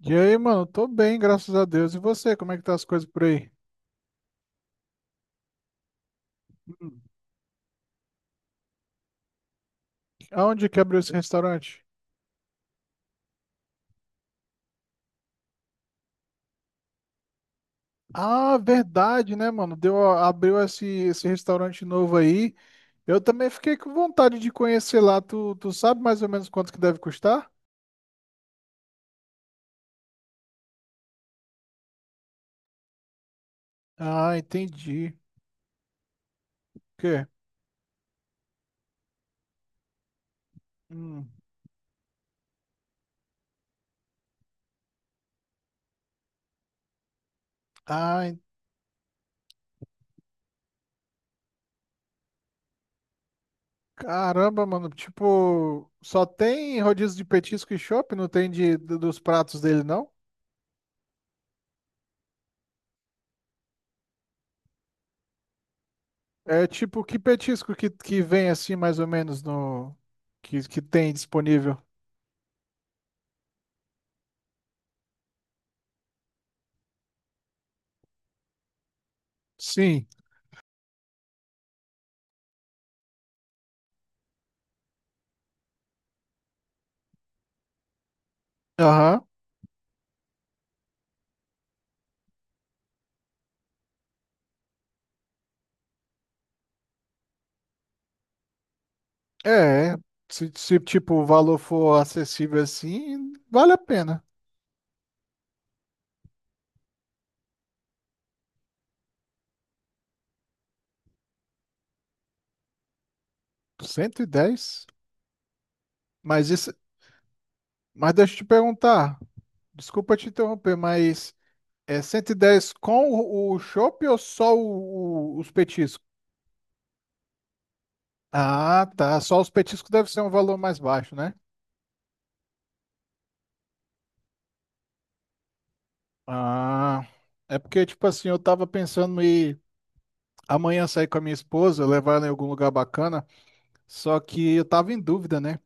E aí, mano? Tô bem, graças a Deus. E você, como é que tá as coisas por aí? Hum. Aonde que abriu esse restaurante? Ah, verdade, né, mano? Deu, abriu esse restaurante novo aí. Eu também fiquei com vontade de conhecer lá. Tu sabe mais ou menos quanto que deve custar? Ah, entendi. O quê? Hum. Ah, en- caramba, mano. Tipo, só tem rodízio de petisco e chopp? Não tem dos pratos dele, não? É tipo, que petisco que vem assim, mais ou menos, no que tem disponível? Sim. Aham. É. Se, tipo, o valor for acessível assim, vale a pena. 110. Mas isso. Mas deixa eu te perguntar. Desculpa te interromper, mas é 110 com o chopp ou só os petiscos? Ah, tá. Só os petiscos deve ser um valor mais baixo, né? Ah. É porque, tipo assim, eu tava pensando em amanhã sair com a minha esposa, levar ela em algum lugar bacana. Só que eu tava em dúvida, né?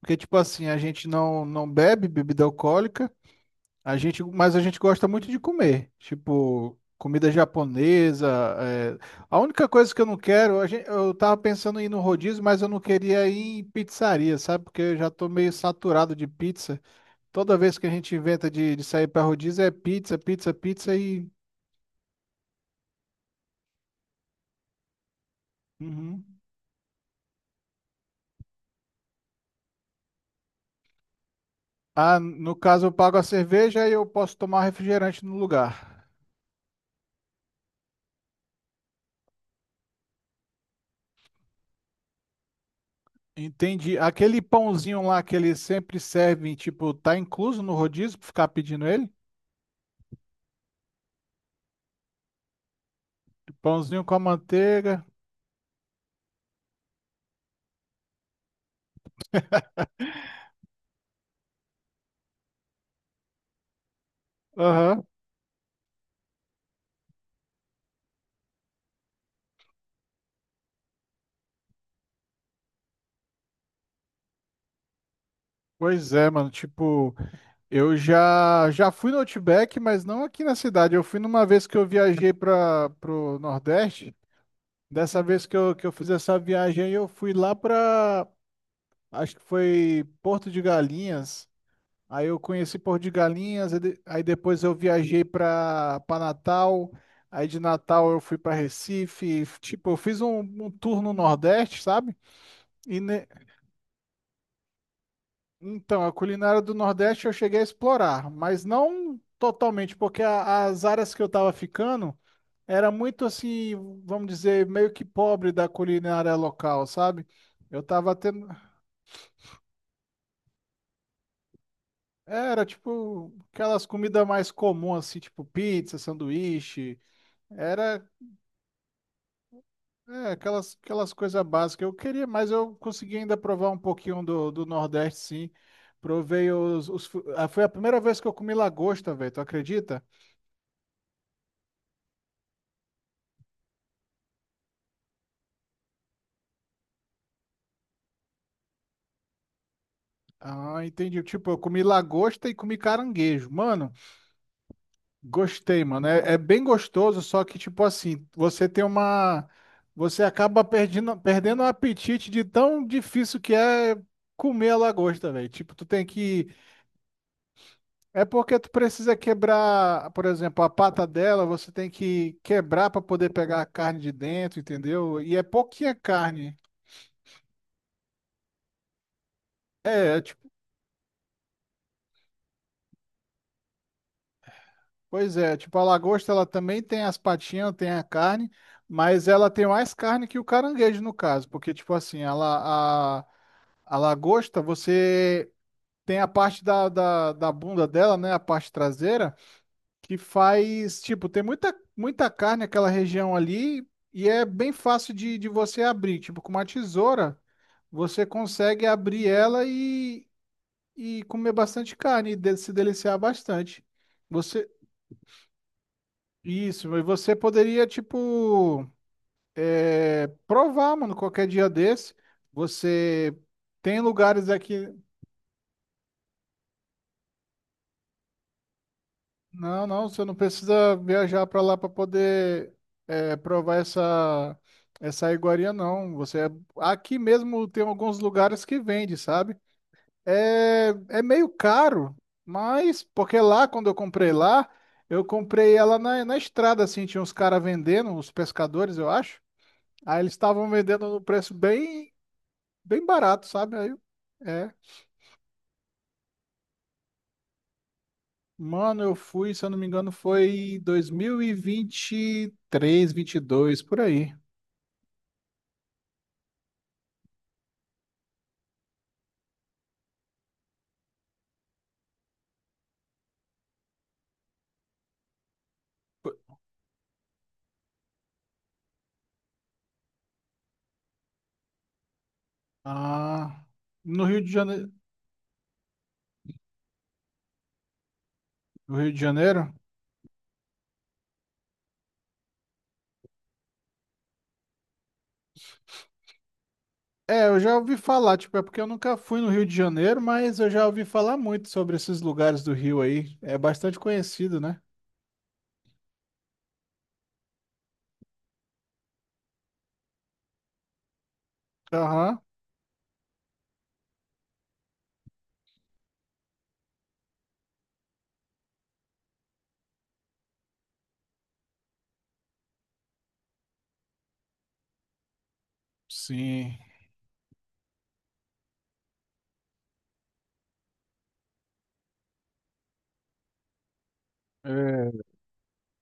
Porque, tipo assim, a gente não bebe bebida alcoólica, mas a gente gosta muito de comer. Tipo, comida japonesa. É. A única coisa que eu não quero, eu tava pensando em ir no rodízio, mas eu não queria ir em pizzaria, sabe? Porque eu já tô meio saturado de pizza. Toda vez que a gente inventa de sair pra rodízio é pizza, pizza, pizza. Uhum. Ah, no caso eu pago a cerveja e eu posso tomar refrigerante no lugar. Entendi. Aquele pãozinho lá que eles sempre servem, tipo, tá incluso no rodízio pra ficar pedindo ele? Pãozinho com a manteiga. Aham. Pois é, mano. Tipo, eu já já fui no Outback, mas não aqui na cidade. Eu fui numa vez que eu viajei para pro Nordeste. Dessa vez que eu fiz essa viagem aí, eu fui lá pra. Acho que foi Porto de Galinhas. Aí eu conheci Porto de Galinhas, aí depois eu viajei para Natal, aí de Natal eu fui para Recife, tipo, eu fiz um tour no Nordeste, sabe? E ne- Então, a culinária do Nordeste eu cheguei a explorar, mas não totalmente, porque as áreas que eu estava ficando era muito assim, vamos dizer, meio que pobre da culinária local, sabe? Eu tava tendo, era tipo aquelas comidas mais comuns, assim, tipo pizza, sanduíche, era É, aquelas coisas básicas. Eu queria, mas eu consegui ainda provar um pouquinho do Nordeste, sim. Provei os, os. Foi a primeira vez que eu comi lagosta, velho. Tu acredita? Ah, entendi. Tipo, eu comi lagosta e comi caranguejo. Mano, gostei, mano. É bem gostoso, só que, tipo assim, você tem uma. Você acaba perdendo o apetite de tão difícil que é comer a lagosta, velho. Tipo, tu tem que. É porque tu precisa quebrar, por exemplo, a pata dela, você tem que quebrar para poder pegar a carne de dentro, entendeu? E é pouquinha carne. É tipo, pois é, tipo a lagosta ela também tem as patinhas, tem a carne, mas ela tem mais carne que o caranguejo no caso, porque tipo assim, a lagosta você tem a parte da bunda dela, né, a parte traseira, que faz, tipo, tem muita, muita carne naquela região ali e é bem fácil de você abrir. Tipo, com uma tesoura, você consegue abrir ela e comer bastante carne e se deliciar bastante. Você, isso, e você poderia, tipo, provar, mano, qualquer dia desse. Você tem lugares aqui. Não, não, você não precisa viajar para lá para poder provar essa iguaria, não. Aqui mesmo tem alguns lugares que vende, sabe? É meio caro, mas porque lá quando eu comprei lá, eu comprei ela na estrada, assim, tinha uns caras vendendo, os pescadores, eu acho. Aí eles estavam vendendo no preço bem bem barato, sabe? É. Mano, eu fui, se eu não me engano, foi 2020 23, 22 por aí. Ah, no Rio de Janeiro. No Rio de Janeiro? É, eu já ouvi falar, tipo, é porque eu nunca fui no Rio de Janeiro, mas eu já ouvi falar muito sobre esses lugares do Rio aí. É bastante conhecido, né? Aham, sim. É,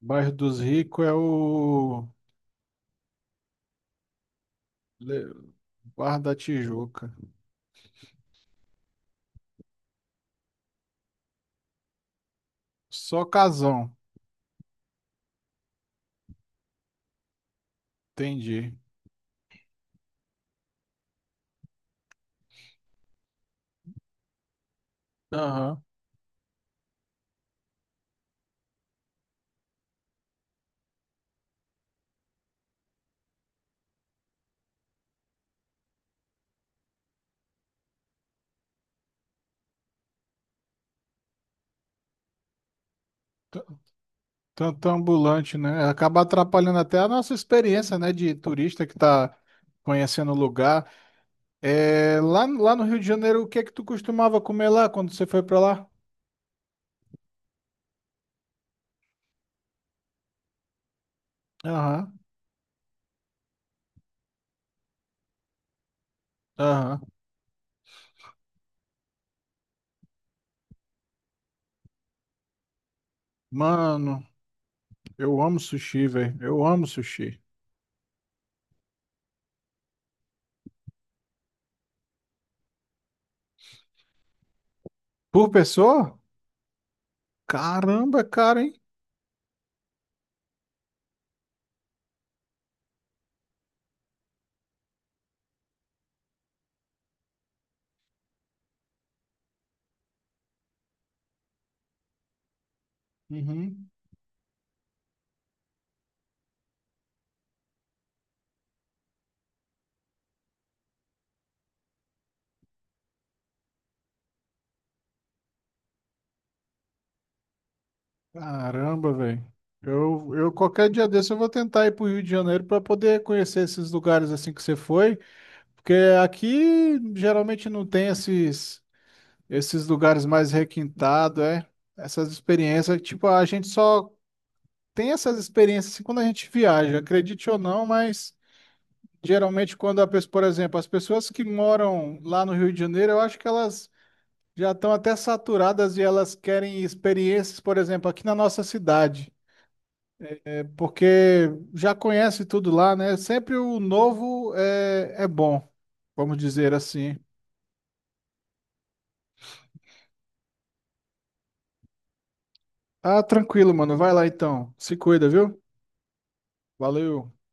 Bairro dos Ricos é o Le- Bar da Tijuca. Só casão, entendi. Aham. T- Tanto ambulante, né? Acaba atrapalhando até a nossa experiência, né, de turista que tá conhecendo o lugar. É, lá no Rio de Janeiro, o que é que tu costumava comer lá quando você foi pra lá? Aham, aham. Mano, eu amo sushi, velho. Eu amo sushi. Por pessoa? Caramba, é caro, hein? Uhum. Caramba, velho. Eu qualquer dia desse eu vou tentar ir pro Rio de Janeiro pra poder conhecer esses lugares assim que você foi, porque aqui geralmente não tem esses lugares mais requintados, é? Essas experiências, tipo, a gente só tem essas experiências assim, quando a gente viaja, acredite ou não, mas geralmente quando a pessoa, por exemplo, as pessoas que moram lá no Rio de Janeiro, eu acho que elas já estão até saturadas e elas querem experiências, por exemplo, aqui na nossa cidade, é, porque já conhece tudo lá, né? Sempre o novo é bom, vamos dizer assim. Ah, tranquilo, mano. Vai lá então. Se cuida, viu? Valeu.